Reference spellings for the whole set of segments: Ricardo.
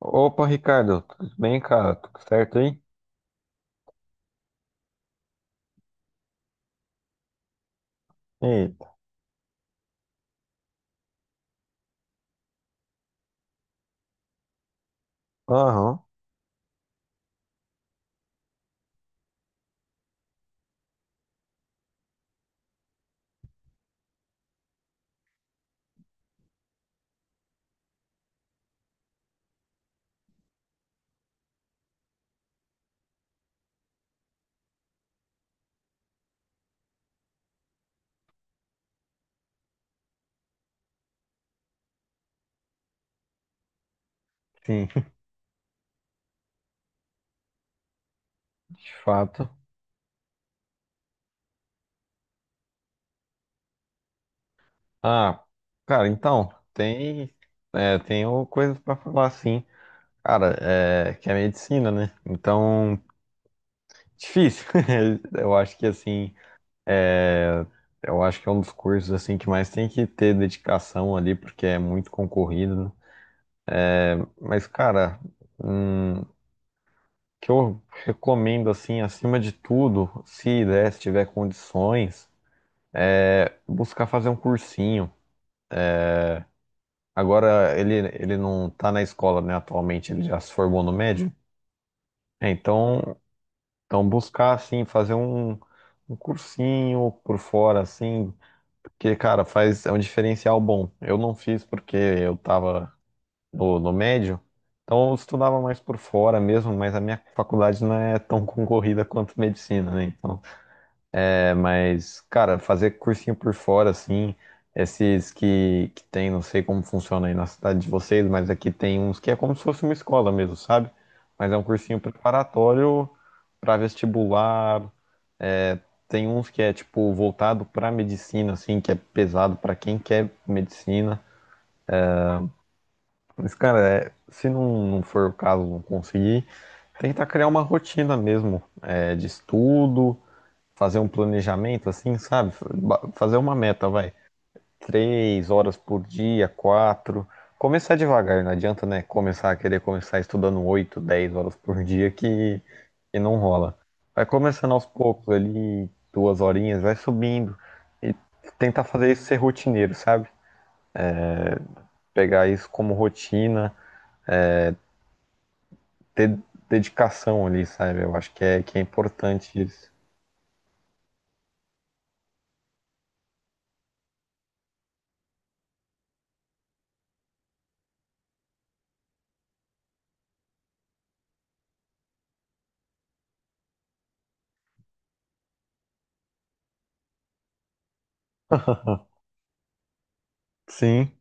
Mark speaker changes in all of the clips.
Speaker 1: Opa, Ricardo, tudo bem, cara? Tudo certo aí? Eita. Aham. Sim. De fato. Ah, cara, então, tenho coisas pra falar, sim. Cara, é, que é medicina, né? Então, difícil. Eu acho que, assim, é, eu acho que é um dos cursos, assim, que mais tem que ter dedicação ali, porque é muito concorrido, né? Mas, cara, o que eu recomendo, assim, acima de tudo, se der, se tiver condições, buscar fazer um cursinho. Agora ele não tá na escola, né, atualmente, ele já se formou no médio. É, então buscar assim, fazer um cursinho por fora, assim, porque, cara, faz é um diferencial bom. Eu não fiz porque eu tava no médio, então eu estudava mais por fora mesmo, mas a minha faculdade não é tão concorrida quanto medicina, né? Então. É, mas, cara, fazer cursinho por fora, assim, esses que tem, não sei como funciona aí na cidade de vocês, mas aqui tem uns que é como se fosse uma escola mesmo, sabe? Mas é um cursinho preparatório para vestibular. é, Tem uns que é, tipo, voltado pra medicina, assim, que é pesado pra quem quer medicina. Mas, cara, é, se não for o caso, não conseguir, tentar criar uma rotina mesmo, é, de estudo, fazer um planejamento, assim, sabe? Fazer uma meta, vai. 3 horas por dia, 4. Começar devagar, não adianta, né? Começar a querer começar estudando 8, 10 horas por dia que não rola. Vai começando aos poucos ali, duas horinhas, vai subindo. E tentar fazer isso ser rotineiro, sabe? Pegar isso como rotina, ter dedicação ali, sabe? Eu acho que é importante isso. Sim.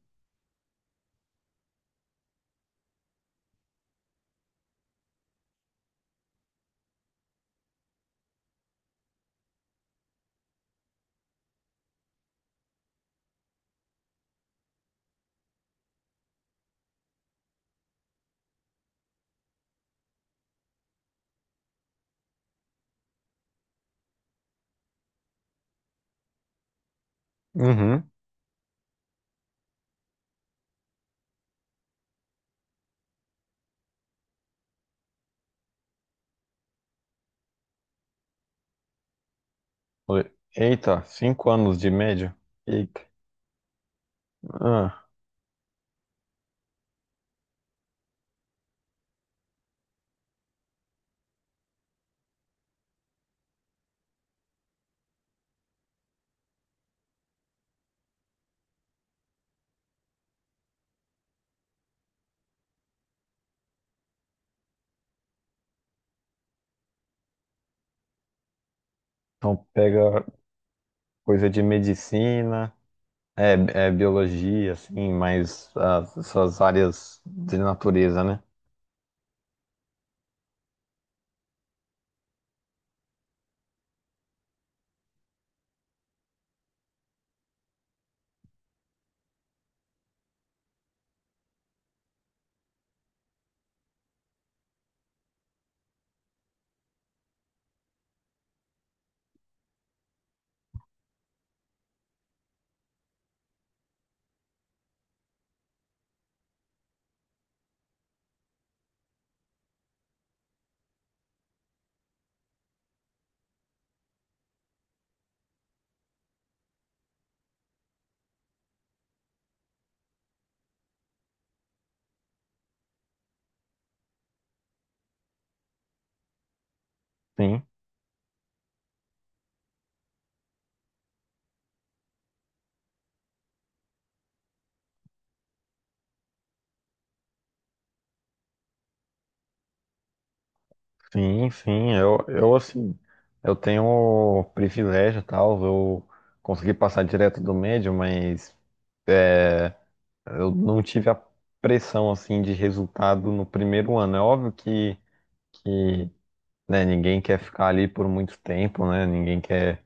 Speaker 1: Uhum. Eita, 5 anos de média? Eita. Ah, então pega coisa de medicina, é, é biologia, assim, mais as suas áreas de natureza, né? Sim, sim, sim. Eu assim, eu tenho o privilégio, tal, eu consegui passar direto do médio, mas é, eu não tive a pressão, assim, de resultado no primeiro ano. É óbvio que né, ninguém quer ficar ali por muito tempo, né? Ninguém quer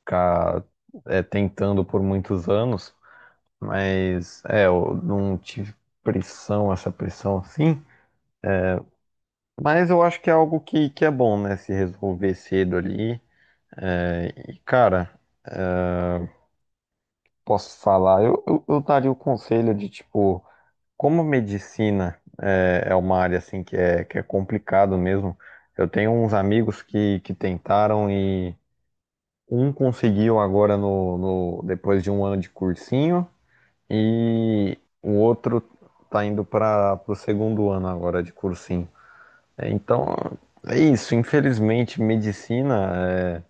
Speaker 1: ficar tentando por muitos anos. Mas é, eu não tive pressão, essa pressão assim. Mas eu acho que é algo que é bom, né? Se resolver cedo ali. É, e, cara, posso falar, eu daria o conselho de, tipo, como medicina é uma área assim que é complicado mesmo. Eu tenho uns amigos que tentaram e um conseguiu agora no, no, depois de um ano de cursinho e o outro tá indo para o segundo ano agora de cursinho. É, então, é isso. Infelizmente, medicina é,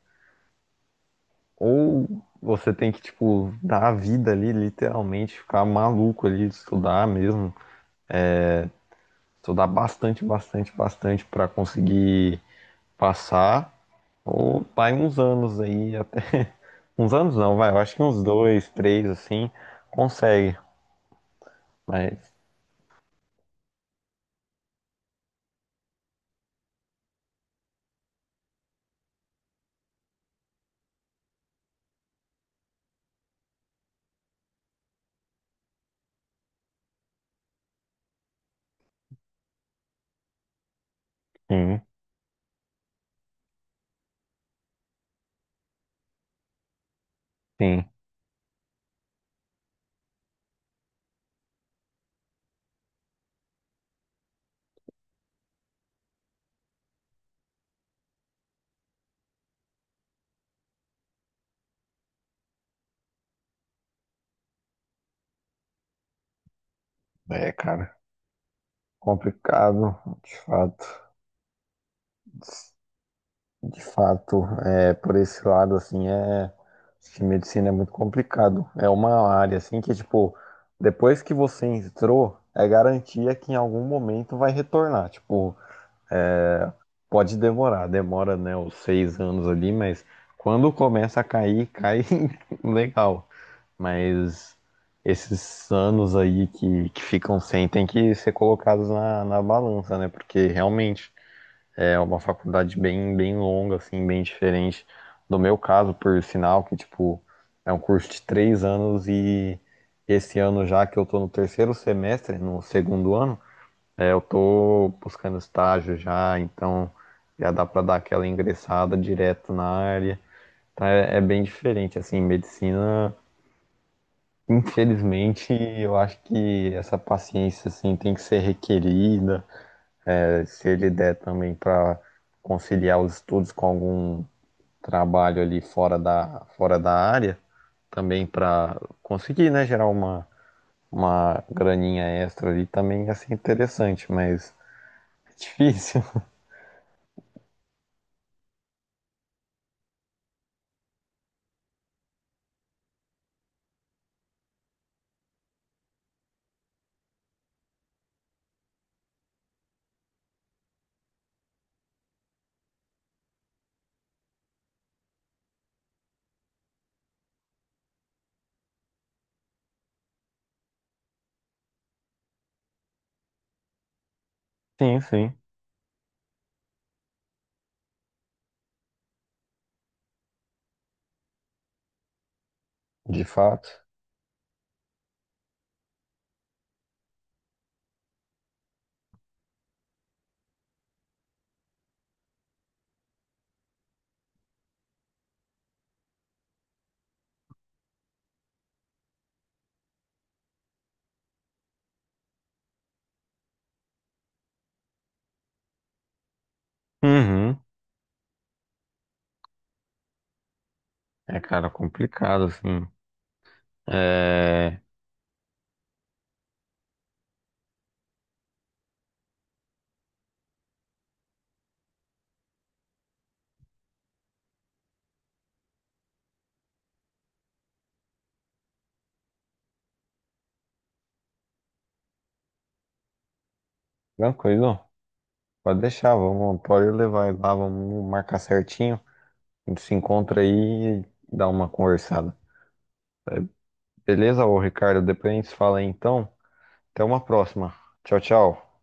Speaker 1: ou você tem que, tipo, dar a vida ali, literalmente, ficar maluco ali, estudar mesmo, estudar bastante, bastante, bastante para conseguir passar, ou vai uns anos aí, até. Uns anos não, vai, eu acho que uns dois, três, assim, consegue. Mas, sim, sim. É, cara, complicado, de fato. De fato, é, por esse lado, assim, acho que medicina é muito complicado. É uma área, assim, que, tipo, depois que você entrou, é garantia que em algum momento vai retornar. Tipo, é, pode demorar, demora, né, os 6 anos ali, mas quando começa a cair, cai legal. Mas esses anos aí que ficam sem tem que ser colocados na balança, né? Porque realmente é uma faculdade bem, bem longa, assim, bem diferente do meu caso, por sinal, que, tipo, é um curso de 3 anos e esse ano já que eu tô no terceiro semestre, no segundo ano, eu tô buscando estágio já, então já dá pra dar aquela ingressada direto na área. Então é, é bem diferente, assim, medicina, infelizmente, eu acho que essa paciência, assim, tem que ser requerida, se ele der também para conciliar os estudos com algum trabalho ali fora da área, também para conseguir, né, gerar uma graninha extra ali, também ia ser interessante, mas é difícil. Sim, sim, de fato. Uhum. É, cara, complicado, assim. É... Tranquilo, pode deixar, vamos, pode levar lá, vamos marcar certinho. A gente se encontra aí e dá uma conversada. Beleza, ô Ricardo? Depois a gente se fala aí, então. Até uma próxima. Tchau, tchau.